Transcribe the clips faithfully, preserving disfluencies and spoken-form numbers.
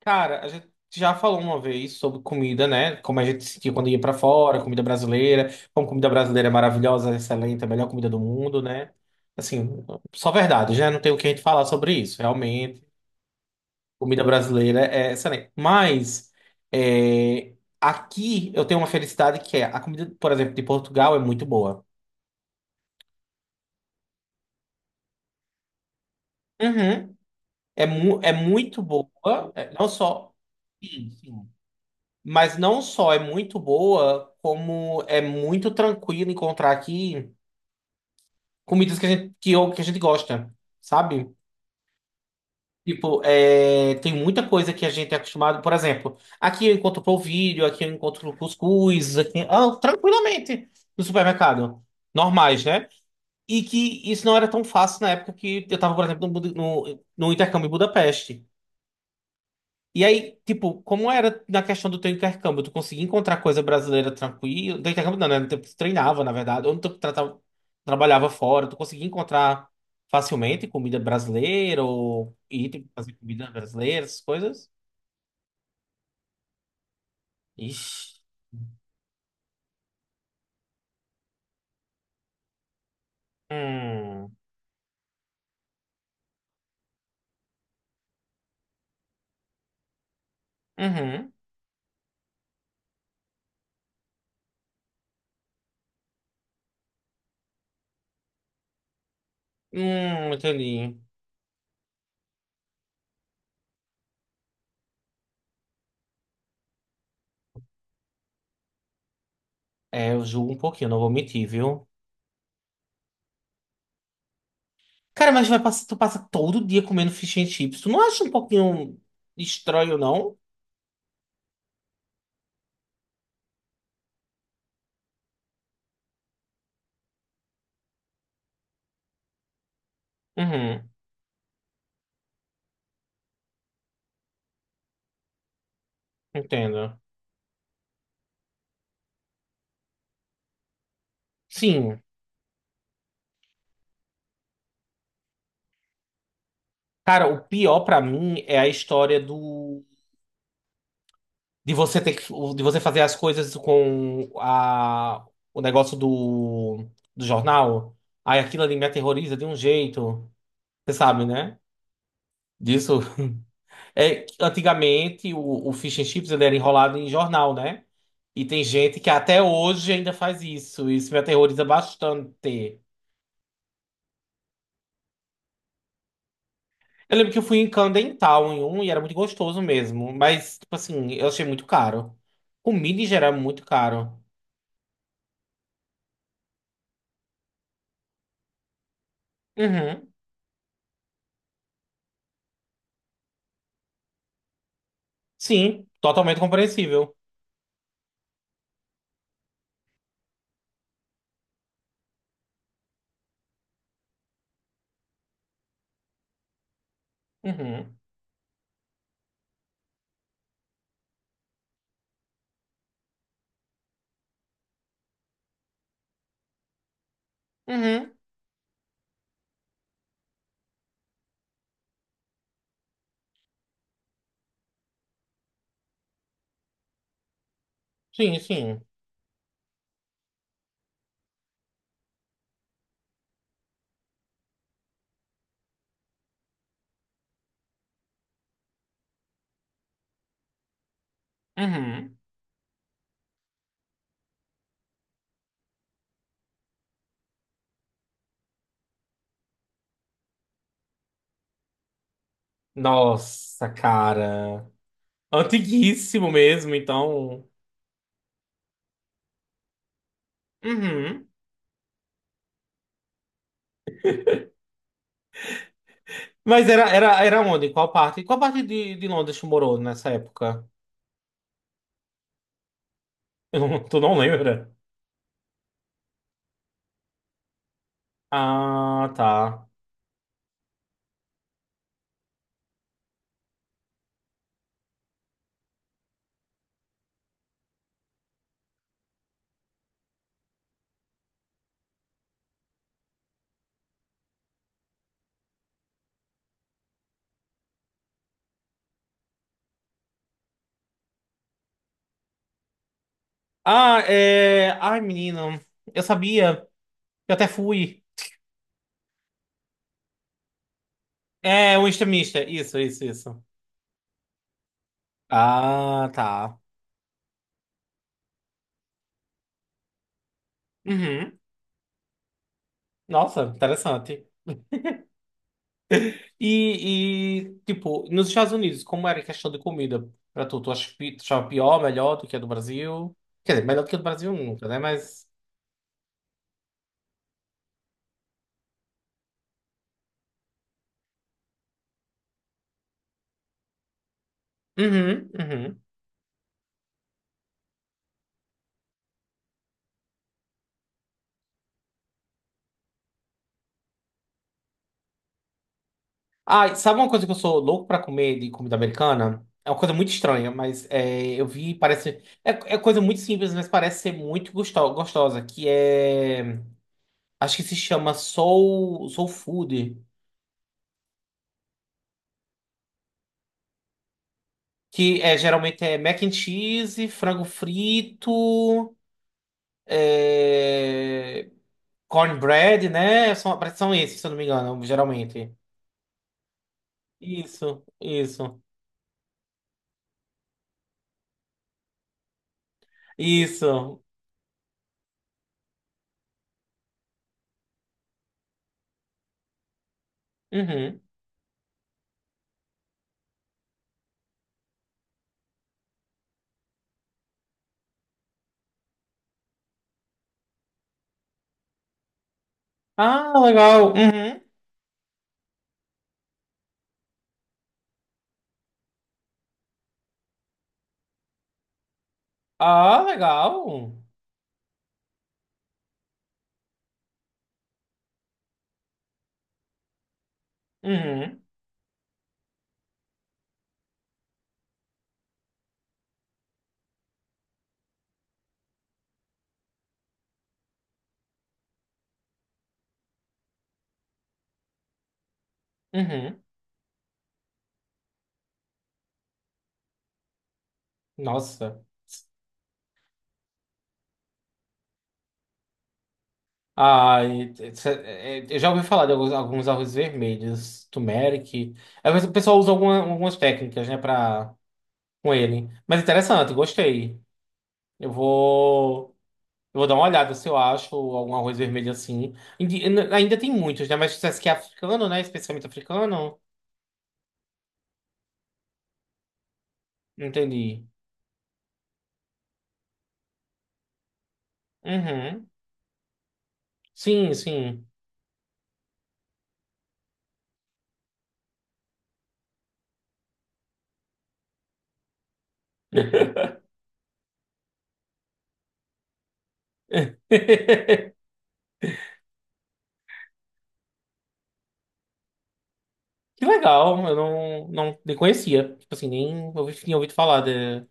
Cara, a gente já falou uma vez sobre comida, né? Como a gente sentia quando ia pra fora, comida brasileira, como comida brasileira é maravilhosa, excelente, a melhor comida do mundo, né? Assim, só verdade, já não tem o que a gente falar sobre isso. Realmente, comida brasileira é excelente. Mas é, aqui eu tenho uma felicidade que é a comida, por exemplo, de Portugal é muito boa. Uhum. É, mu é muito boa, é, não só. Sim, sim. Mas não só é muito boa, como é muito tranquilo encontrar aqui comidas que a gente, que, eu- que a gente gosta, sabe? Tipo, é, tem muita coisa que a gente é acostumado. Por exemplo, aqui eu encontro polvilho, aqui eu encontro cuscuz, aqui, ah, tranquilamente no supermercado. Normais, né? E que isso não era tão fácil na época que eu estava, por exemplo, no, Buda- no, no, intercâmbio em Budapeste. E aí, tipo, como era na questão do teu intercâmbio? Tu conseguia encontrar coisa brasileira tranquilo? Do intercâmbio não, né? No tempo que tu treinava, na verdade. Ou no tempo que tu tratava- trabalhava fora, tu conseguia encontrar facilmente comida brasileira ou ir, tipo, fazer comida brasileira, essas coisas? Ixi. Hum. Uhum. Hum, entendi. É, eu julgo um pouquinho, não vou mentir, viu? Cara, mas vai passar, tu passa todo dia comendo fish and chips. Tu não acha um pouquinho estranho, não? Uhum, entendo. Sim. Cara, o pior pra mim é a história do de você ter que, de você fazer as coisas com a o negócio do do jornal. Aí aquilo ali me aterroriza de um jeito, você sabe, né? Disso é que antigamente o, o Fish and Chips ele era enrolado em jornal, né? E tem gente que até hoje ainda faz isso. Isso me aterroriza bastante. Eu lembro que eu fui em Camden Town em um e era muito gostoso mesmo, mas tipo assim, eu achei muito caro. Comida em geral é muito caro. Uhum. Sim, totalmente compreensível. Uhum. Uhum. Sim, sim. Uhum. Nossa, cara. Antiguíssimo mesmo, então. Uhum. Mas era, era, era onde? Qual parte? Qual parte de, de Londres tu morou nessa época? Eu não- Tu não lembra? Ah, tá. Ah, é. Ai, menino. Eu sabia. Eu até fui. É, um extremista. Isso, isso, isso. Ah, tá. Uhum. Nossa, interessante. E, e, tipo, nos Estados Unidos, como era a questão de comida pra tu? Tu ach- tu achava pior, melhor do que a do Brasil? Quer dizer, melhor do que a do Brasil nunca, né? Mas. Uhum, uhum. Ah, e sabe uma coisa que eu sou louco pra comer de comida americana? É uma coisa muito estranha, mas é, eu vi, parece. É, é coisa muito simples, mas parece ser muito gosto- gostosa. Que é. Acho que se chama Soul, Soul Food. Que é, geralmente é mac and cheese, frango frito. É... Cornbread, né? São, parece que são esses, se eu não me engano, geralmente. Isso, isso, isso. Uhum. Ah, legal. Uhum. Ah, legal. Uhum. Uhum. Nossa. Ah, eu já ouvi falar de alguns, alguns arroz vermelhos, turmeric. Às vezes o pessoal usa alguma- algumas técnicas, né, pra, com ele. Mas interessante, gostei. Eu vou. Eu vou dar uma olhada se eu acho algum arroz vermelho assim. Indi- Ainda tem muitos, né? Mas se que é africano, né? Especialmente africano. Entendi. Uhum. Sim, sim. Que legal. Eu não, não nem conhecia. Tipo assim, nem ouvi, tinha ouvido falar de,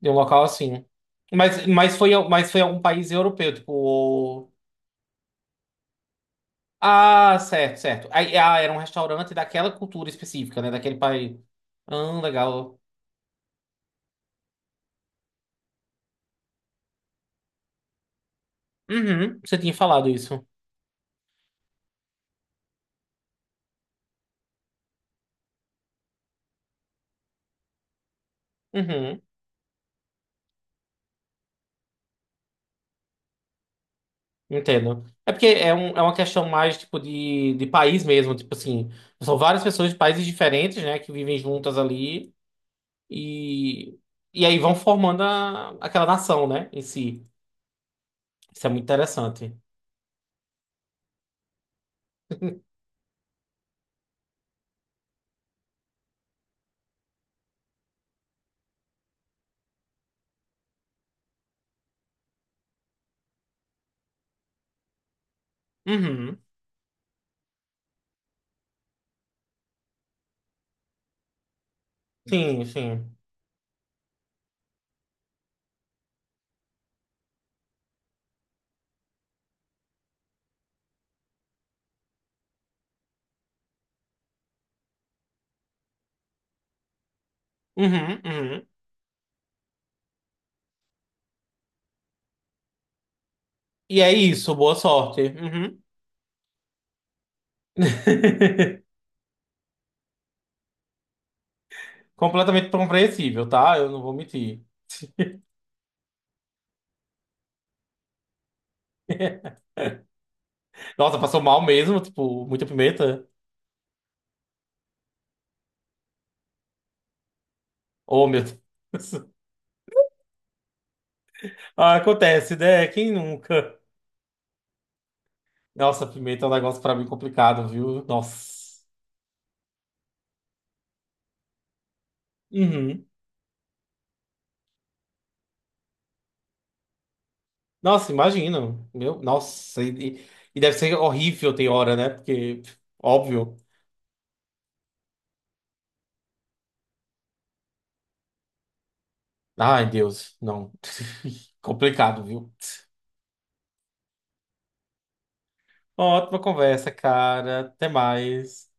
de um local assim. Mas, mas, foi, al- mas foi algum país europeu, tipo. O- Ah, certo, certo. Aí, ah, era um restaurante daquela cultura específica, né? Daquele país. Ah, legal. Uhum. Você tinha falado isso. Uhum. Entendo. É porque é, um, é uma questão mais tipo de, de país mesmo, tipo assim, são várias pessoas de países diferentes, né, que vivem juntas ali e, e aí vão formando a- aquela nação, né, em si. Isso é muito interessante. Uhum. Sim, sim. Uhum, uhum. E é isso, boa sorte. Uhum. Completamente compreensível, tá? Eu não vou mentir. Nossa, passou mal mesmo, tipo, muita pimenta. Oh, meu Deus. Ah, acontece, né? Quem nunca? Nossa, pimenta é um negócio pra mim complicado, viu? Nossa. Uhum. Nossa, imagino. Meu, nossa. E, e e deve ser horrível tem hora, né? Porque, óbvio. Ai, Deus, não. Complicado, viu? Ótima conversa, cara. Até mais.